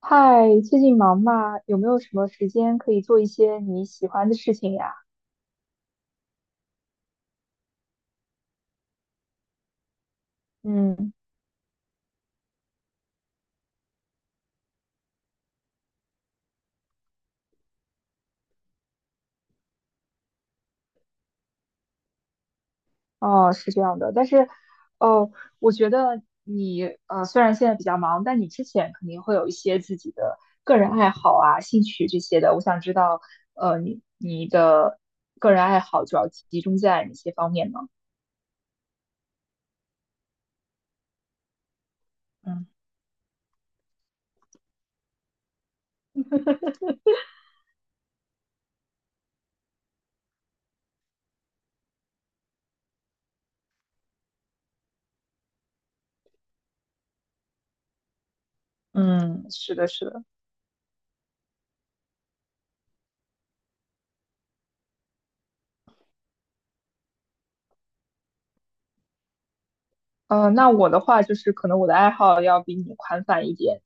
嗨，最近忙吗？有没有什么时间可以做一些你喜欢的事情呀？嗯。哦，是这样的，但是，哦，我觉得你虽然现在比较忙，但你之前肯定会有一些自己的个人爱好啊、兴趣这些的。我想知道，你的个人爱好主要集中在哪些方面呢？嗯嗯，是的，是的。那我的话就是可能我的爱好要比你宽泛一点。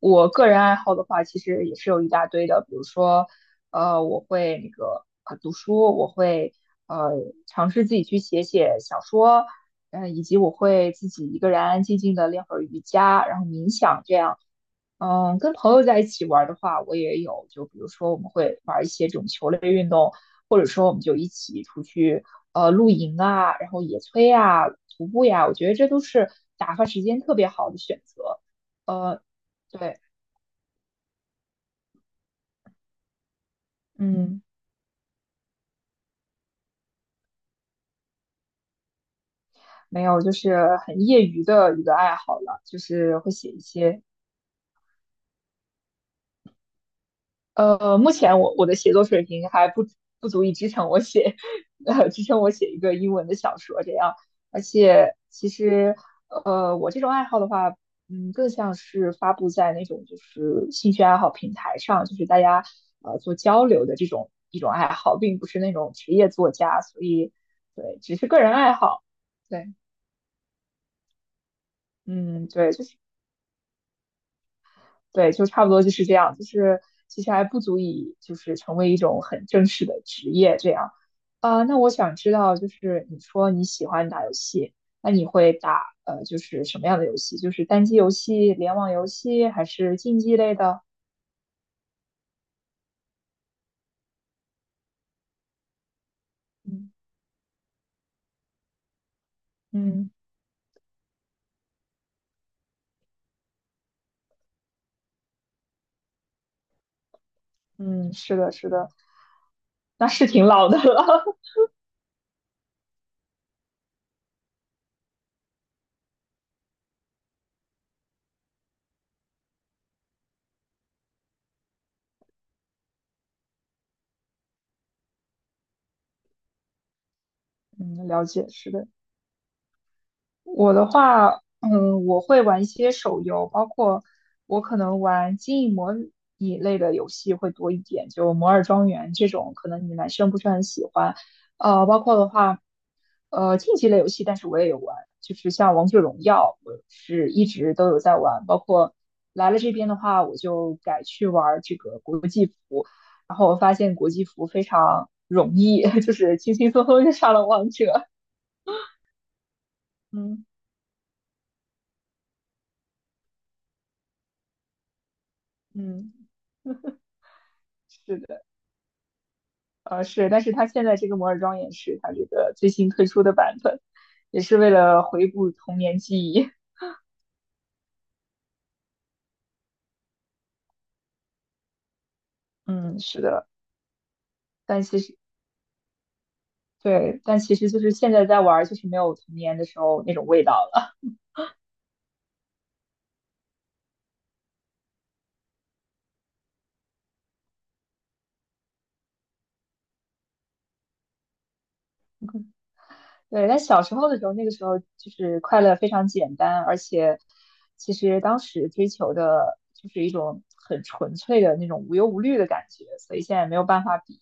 我个人爱好的话，其实也是有一大堆的，比如说，我会那个读书，我会呃尝试自己去写写小说，以及我会自己一个人安安静静的练会儿瑜伽，然后冥想这样。跟朋友在一起玩儿的话，我也有，就比如说我们会玩儿一些这种球类运动，或者说我们就一起出去露营啊，然后野炊啊、徒步呀，我觉得这都是打发时间特别好的选择。呃，对。嗯，没有，就是很业余的一个爱好了，就是会写一些目前我的写作水平还不足以支撑我写，支撑我写一个英文的小说这样。而且其实，我这种爱好的话，更像是发布在那种就是兴趣爱好平台上，就是大家做交流的这种一种爱好，并不是那种职业作家，所以对，只是个人爱好。对。嗯，对，就是对，就差不多就是这样，就是其实还不足以就是成为一种很正式的职业这样。啊，那我想知道，就是你说你喜欢打游戏，那你会打就是什么样的游戏？就是单机游戏、联网游戏，还是竞技类的？嗯嗯嗯，是的，是的，那是挺老的了。嗯，了解，是的。我的话，我会玩一些手游，包括我可能玩经营模拟类的游戏会多一点，就《摩尔庄园》这种，可能你们男生不是很喜欢。包括的话。竞技类游戏，但是我也有玩，就是像王者荣耀，我是一直都有在玩，包括来了这边的话，我就改去玩这个国际服，然后我发现国际服非常容易，就是轻轻松松就上了王者。嗯嗯，是的，是，但是它现在这个摩尔庄园是它这个最新推出的版本，也是为了回顾童年记忆。嗯，是的，但其实对，但其实就是现在在玩，就是没有童年的时候那种味道了。对，但小时候的时候，那个时候就是快乐非常简单，而且其实当时追求的就是一种很纯粹的那种无忧无虑的感觉，所以现在没有办法比。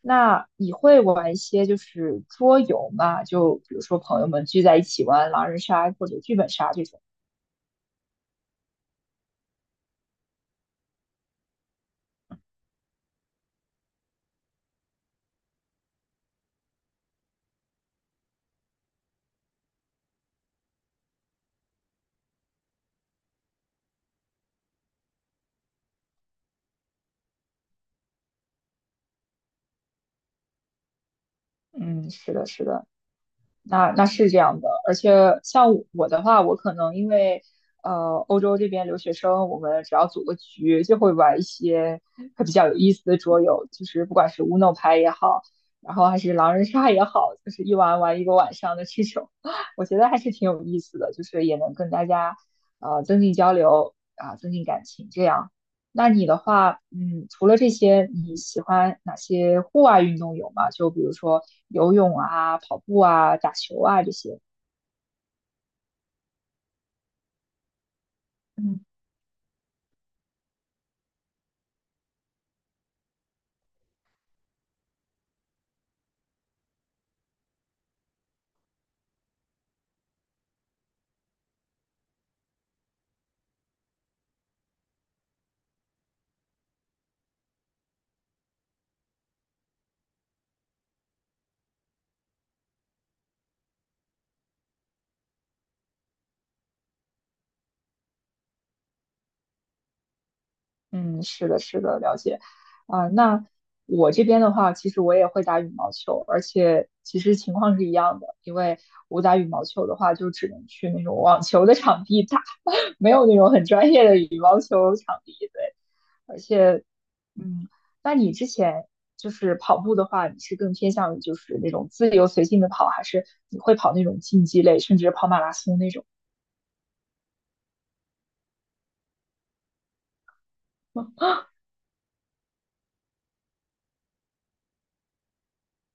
那你会玩一些就是桌游吗？就比如说朋友们聚在一起玩狼人杀或者剧本杀这种。嗯，是的，是的。那是这样的，而且像我的话，我可能因为欧洲这边留学生，我们只要组个局，就会玩一些还比较有意思的桌游，就是不管是 Uno 牌也好，然后还是狼人杀也好，就是一玩玩一个晚上的这种，我觉得还是挺有意思的，就是也能跟大家增进交流啊，增进感情这样。那你的话，除了这些，你喜欢哪些户外运动有吗？就比如说。游泳啊、跑步啊、打球啊这些。嗯嗯，是的，是的，了解。啊、那我这边的话，其实我也会打羽毛球，而且其实情况是一样的，因为我打羽毛球的话，就只能去那种网球的场地打，没有那种很专业的羽毛球场地。对，而且，嗯，那你之前就是跑步的话，你是更偏向于就是那种自由随性的跑，还是你会跑那种竞技类，甚至跑马拉松那种吗？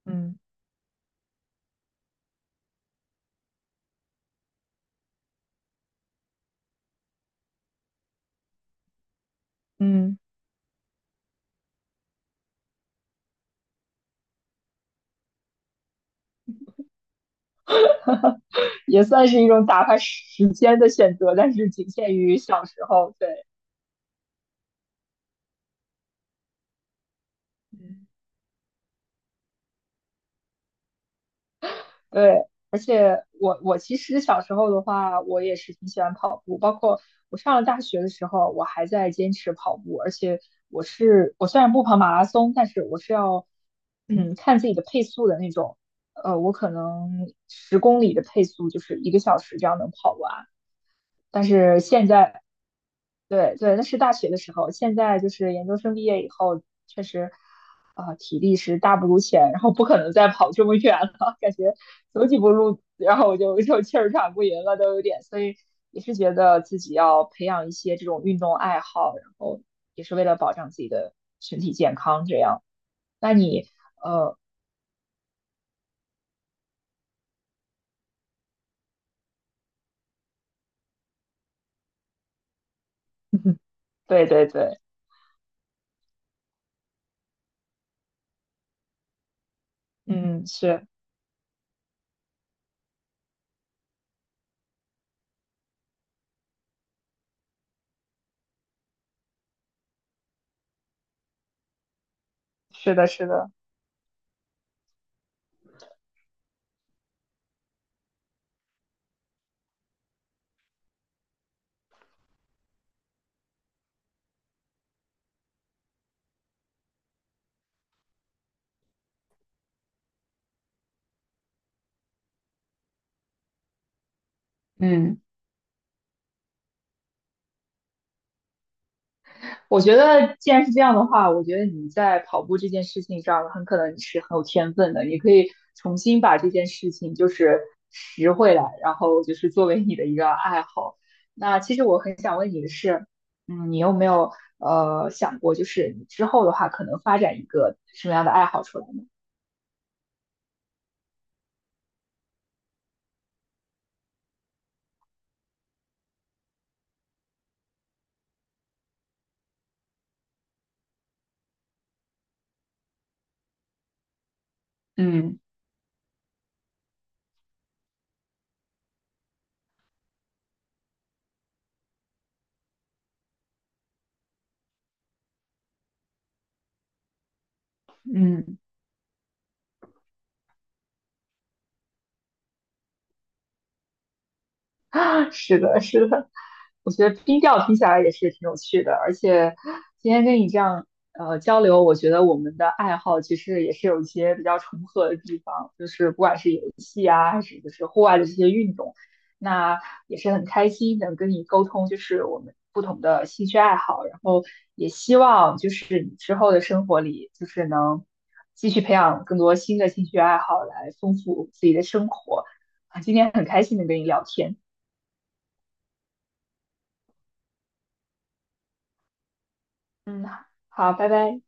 嗯嗯，也算是一种打发时间的选择，但是仅限于小时候。对，嗯对，而且我其实小时候的话，我也是挺喜欢跑步，包括我上了大学的时候，我还在坚持跑步，而且我虽然不跑马拉松，但是我是要看自己的配速的那种，我可能10公里的配速就是一个小时这样能跑完，但是现在对对，那是大学的时候，现在就是研究生毕业以后，确实，啊、体力是大不如前，然后不可能再跑这么远了，感觉走几步路，然后我就气儿喘不匀了，都有点，所以也是觉得自己要培养一些这种运动爱好，然后也是为了保障自己的身体健康，这样。那你，呃，对对对，嗯，是的，是的，嗯。我觉得，既然是这样的话，我觉得你在跑步这件事情上，很可能你是很有天分的。你可以重新把这件事情就是拾回来，然后就是作为你的一个爱好。那其实我很想问你的是，嗯，你有没有想过，就是你之后的话，可能发展一个什么样的爱好出来呢？嗯嗯。是的，是的，我觉得冰钓听起来也是挺有趣的，而且今天跟你这样交流，我觉得我们的爱好其实也是有一些比较重合的地方，就是不管是游戏啊，还是就是户外的这些运动，那也是很开心能跟你沟通，就是我们不同的兴趣爱好，然后也希望就是你之后的生活里，就是能继续培养更多新的兴趣爱好，来丰富自己的生活啊。今天很开心能跟你聊天。嗯，好，拜拜。